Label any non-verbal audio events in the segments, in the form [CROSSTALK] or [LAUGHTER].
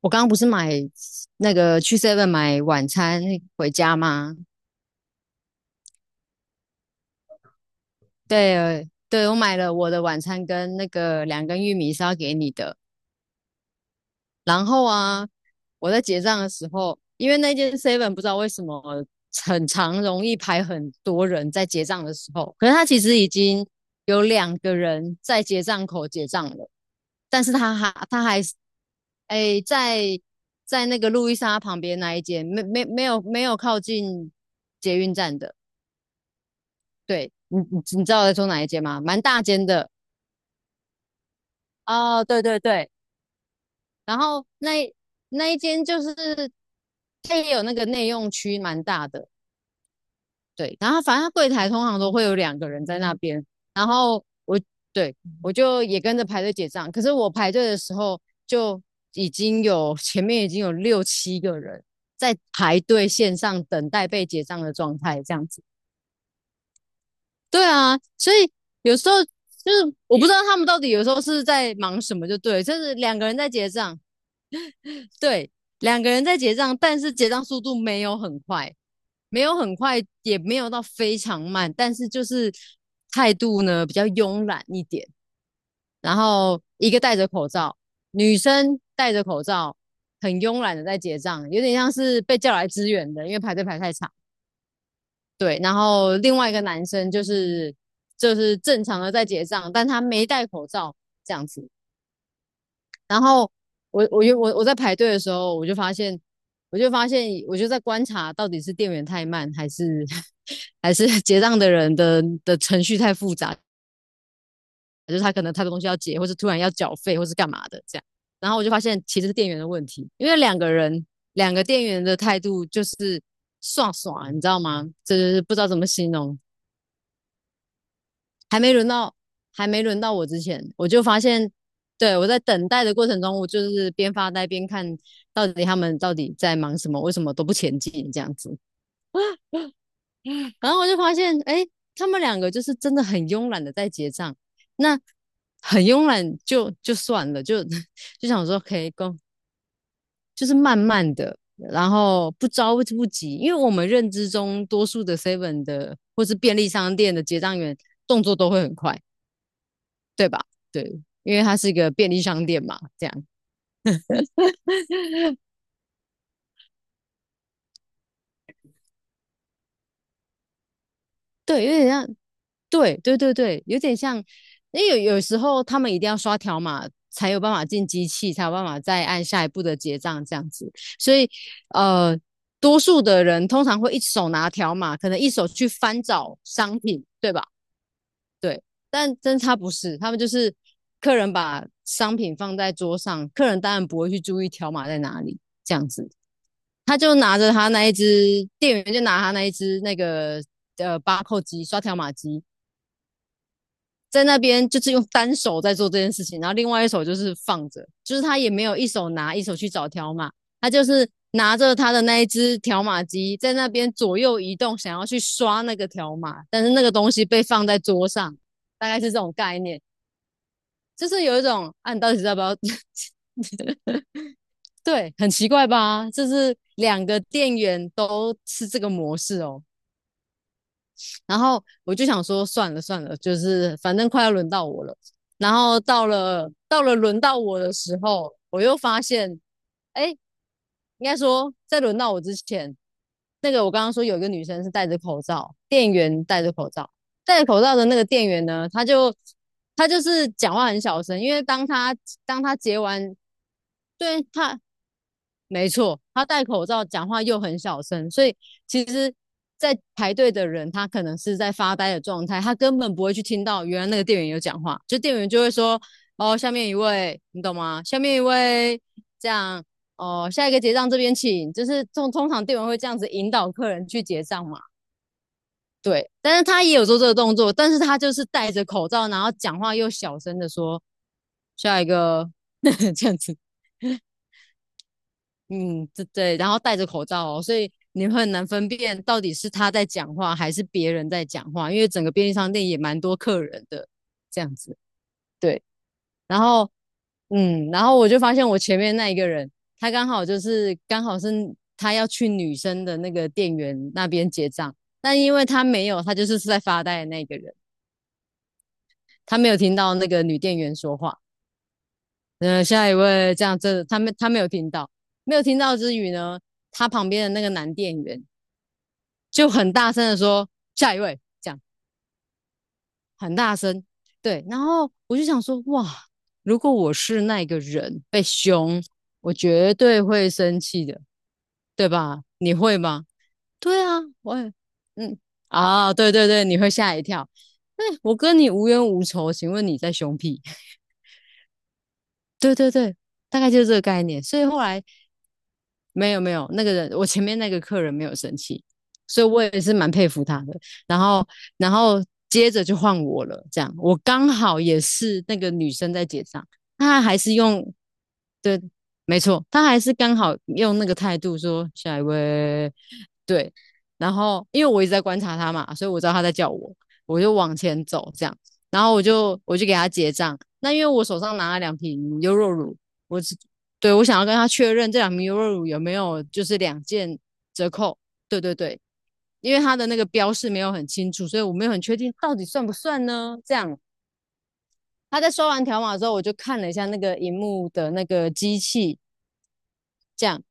我刚刚不是买那个去 Seven 买晚餐回家吗？对，对，我买了我的晚餐跟那个两根玉米是要给你的。然后啊，我在结账的时候，因为那间 Seven 不知道为什么很常容易排很多人在结账的时候，可是他其实已经有两个人在结账口结账了，但是他还是哎，在那个路易莎旁边那一间，没有靠近捷运站的。对，你知道我在说哪一间吗？蛮大间的哦。对对对，然后那一间就是它也有那个内用区，蛮大的。对，然后反正它柜台通常都会有两个人在那边，然后对，我就也跟着排队结账。可是我排队的时候就已经有前面已经有六七个人在排队线上等待被结账的状态，这样子。对啊，所以有时候就是我不知道他们到底有时候是在忙什么，就对，就是两个人在结账，对，两个人在结账，但是结账速度没有很快，没有很快，也没有到非常慢，但是就是态度呢比较慵懒一点。然后一个戴着口罩，女生戴着口罩，很慵懒的在结账，有点像是被叫来支援的，因为排队排太长。对，然后另外一个男生就是正常的在结账，但他没戴口罩这样子。然后我我又我我在排队的时候，我就发现，我就在观察到底是店员太慢，还是 [LAUGHS] 还是结账的人的程序太复杂，就是他可能太多东西要结，或是突然要缴费，或是干嘛的这样。然后我就发现其实是店员的问题，因为两个人两个店员的态度就是爽爽，你知道吗？这就是不知道怎么形容。还没轮到，还没轮到我之前，我就发现，对，我在等待的过程中，我就是边发呆边看到底他们到底在忙什么，为什么都不前进这样子。然后我就发现，哎，他们两个就是真的很慵懒的在结账，那很慵懒就算了，就 [LAUGHS] 就想说可以跟，就是慢慢的。然后不着不急，因为我们认知中多数的 Seven 的或是便利商店的结账员动作都会很快，对吧？对，因为它是一个便利商店嘛，这样对，有点像，对对对对，有点像，因为有时候他们一定要刷条码才有办法进机器，才有办法再按下一步的结账这样子，所以呃，多数的人通常会一手拿条码，可能一手去翻找商品，对吧？对，但真他不是，他们就是客人把商品放在桌上，客人当然不会去注意条码在哪里这样子。他就拿着他那一只，店员就拿他那一只那个巴扣机刷条码机，在那边就是用单手在做这件事情，然后另外一手就是放着，就是他也没有一手拿一手去找条码，他就是拿着他的那一只条码机在那边左右移动，想要去刷那个条码，但是那个东西被放在桌上，大概是这种概念，就是有一种啊，你到底要不要 [LAUGHS] 对，很奇怪吧？就是两个店员都是这个模式哦。然后我就想说，算了算了，就是反正快要轮到我了。然后到了轮到我的时候，我又发现，哎，应该说在轮到我之前，那个我刚刚说有一个女生是戴着口罩，店员戴着口罩，戴着口罩的那个店员呢，他就是讲话很小声，因为当他结完，对，他没错，他戴口罩，讲话又很小声，所以其实，在排队的人他可能是在发呆的状态，他根本不会去听到原来那个店员有讲话，就店员就会说：“哦，下面一位，你懂吗？下面一位，这样哦，下一个结账这边请。”就是通常店员会这样子引导客人去结账嘛。对，但是他也有做这个动作，但是他就是戴着口罩，然后讲话又小声的说：“下一个 [LAUGHS]，这样子。”嗯，对对，然后戴着口罩哦，所以你会很难分辨到底是他在讲话还是别人在讲话，因为整个便利商店也蛮多客人的，这样子。对，然后然后我就发现我前面那一个人，他刚好就是刚好是他要去女生的那个店员那边结账，但因为他没有，他就是在发呆的那个人，他没有听到那个女店员说话。呃，下一位这样，这他没有听到，没有听到之余呢，他旁边的那个男店员。就很大声的说下一位，这样很大声。对，然后我就想说，哇，如果我是那个人被凶，我绝对会生气的，对吧？你会吗？对啊，我也，嗯，啊，对对对，你会吓一跳。哎，我跟你无冤无仇，请问你在凶屁？[LAUGHS] 对对对，大概就是这个概念。所以后来没有没有，那个人我前面那个客人没有生气，所以我也是蛮佩服他的。然后然后接着就换我了，这样我刚好也是那个女生在结账。她还是用对，没错，她还是刚好用那个态度说下一位，对，然后因为我一直在观察他嘛，所以我知道他在叫我，我就往前走这样，然后我就给他结账。那因为我手上拿了两瓶优酪乳，我只对，我想要跟他确认这两瓶优酪乳有没有就是两件折扣。对对对，因为他的那个标示没有很清楚，所以我没有很确定到底算不算呢？这样他在收完条码之后，我就看了一下那个荧幕的那个机器，这样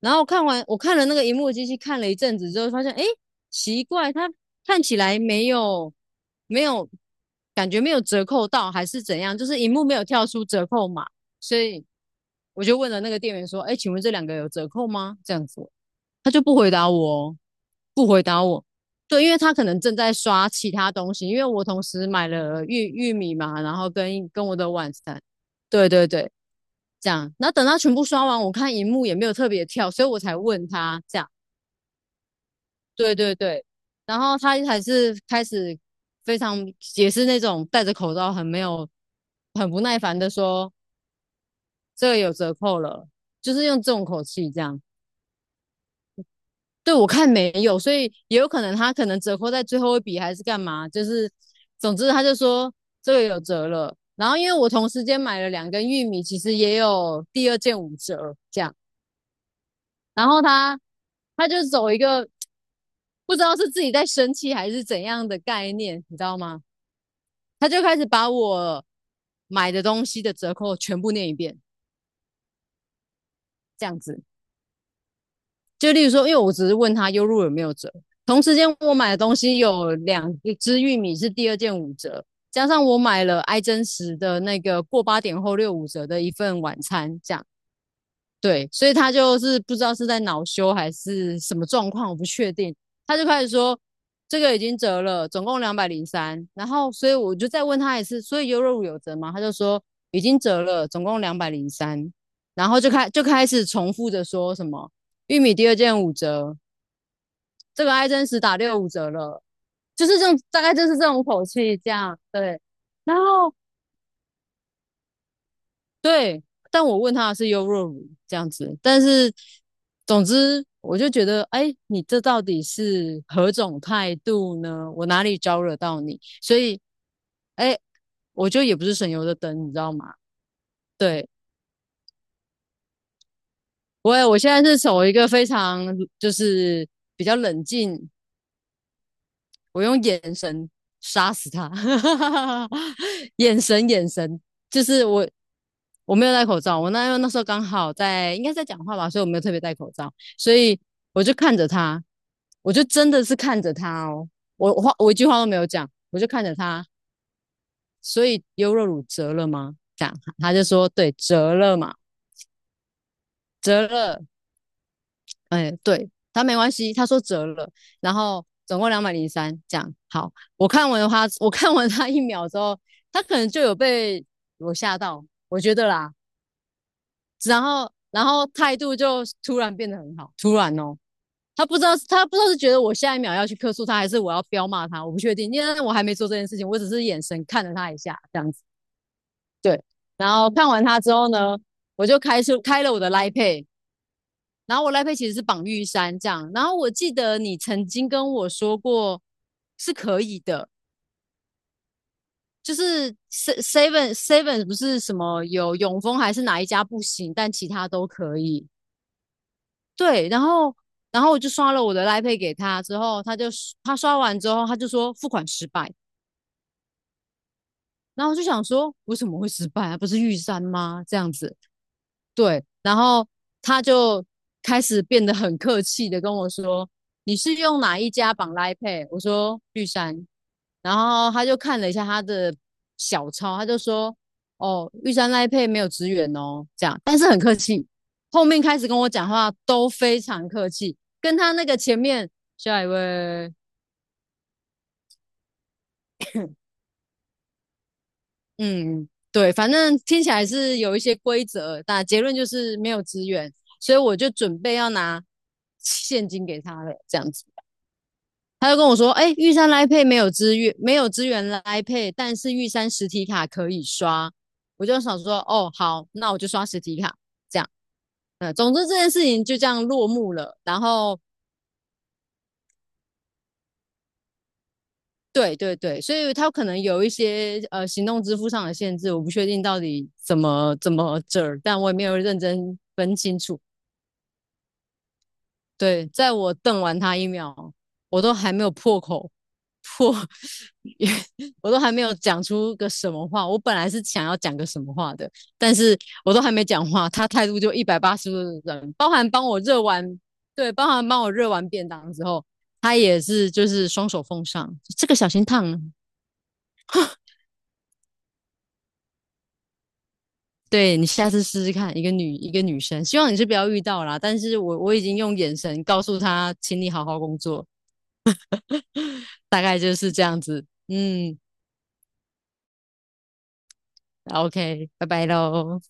然后看完我看了那个荧幕机器看了一阵子之后，发现哎，诶奇怪，它看起来没有感觉没有折扣到，还是怎样？就是荧幕没有跳出折扣码，所以我就问了那个店员说：“哎，请问这两个有折扣吗？”这样子，他就不回答我哦，不回答我。对，因为他可能正在刷其他东西，因为我同时买了玉米嘛，然后跟我的晚餐。对对对，这样。然后等他全部刷完，我看荧幕也没有特别跳，所以我才问他这样。对对对，然后他还是开始非常也是那种戴着口罩很没有很不耐烦的说这个有折扣了，就是用这种口气这样。对我看没有，所以也有可能他可能折扣在最后一笔还是干嘛，就是总之他就说这个有折了。然后因为我同时间买了两根玉米，其实也有第二件五折这样。然后他就走一个不知道是自己在生气还是怎样的概念，你知道吗？他就开始把我买的东西的折扣全部念一遍，这样子。就例如说，因为我只是问他优入有没有折，同时间我买的东西有一只玉米是第二件五折，加上我买了爱真实的那个过8点后六五折的一份晚餐，这样。对，所以他就是不知道是在恼羞还是什么状况，我不确定。他就开始说这个已经折了，总共两百零三。然后，所以我就再问他一次，所以优柔乳有折吗？他就说已经折了，总共两百零三。然后就开始重复着说什么玉米第二件五折，这个爱真实打六五折了，就是这种大概就是这种口气这样，对。然后对，但我问他的是优若乳这样子，但是总之我就觉得，哎，你这到底是何种态度呢？我哪里招惹到你？所以，哎，我就也不是省油的灯，你知道吗？对，我现在是走一个非常就是比较冷静，我用眼神杀死他 [LAUGHS]，眼神眼神，就是我没有戴口罩，我那时候刚好在应该在讲话吧，所以我没有特别戴口罩，所以我就看着他，我就真的是看着他哦，我一句话都没有讲，我就看着他，所以优若乳折了吗？这样他就说对折了嘛，折了，哎，对，他没关系，他说折了，然后总共两百零三，这样好。我看完他，我看完他一秒之后，他可能就有被我吓到，我觉得啦。然后，然后态度就突然变得很好，突然哦，他不知道，他不知道是觉得我下一秒要去客诉他，还是我要彪骂他，我不确定，因为我还没做这件事情，我只是眼神看了他一下，这样子。对，然后看完他之后呢，我就开了我的 l i Pay，然后我赖佩其实是绑玉山这样，然后我记得你曾经跟我说过是可以的，就是 se- v e n Seven 不是什么有永丰还是哪一家不行，但其他都可以。对，然后我就刷了我的赖佩给他之后，他刷完之后他就说付款失败，然后我就想说为什么会失败啊？不是玉山吗？这样子，对，然后他就开始变得很客气的跟我说：“你是用哪一家绑拉 Pay？” 我说：“玉山。”然后他就看了一下他的小抄，他就说：“哦，玉山拉 Pay 没有职员哦。”这样，但是很客气。后面开始跟我讲话都非常客气，跟他那个前面下一位，嗯，对，反正听起来是有一些规则，但结论就是没有资源，所以我就准备要拿现金给他了，这样子。他就跟我说：“哎、玉山来配没有资源，没有资源来配，但是玉山实体卡可以刷。”我就想说：“哦，好，那我就刷实体卡。”这样，嗯，总之这件事情就这样落幕了。然后，对对对，所以他可能有一些行动支付上的限制，我不确定到底怎么这儿，但我也没有认真分清楚。对，在我瞪完他一秒，我都还没有破口破，[LAUGHS] 我都还没有讲出个什么话。我本来是想要讲个什么话的，但是我都还没讲话，他态度就180度的转，包含帮我热完，对，包含帮我热完便当之后，他也是就是双手奉上，这个小心烫了。对你下次试试看，一个女一个女生，希望你是不要遇到啦。但是我已经用眼神告诉他，请你好好工作，大概就是这样子。嗯，OK，拜拜喽。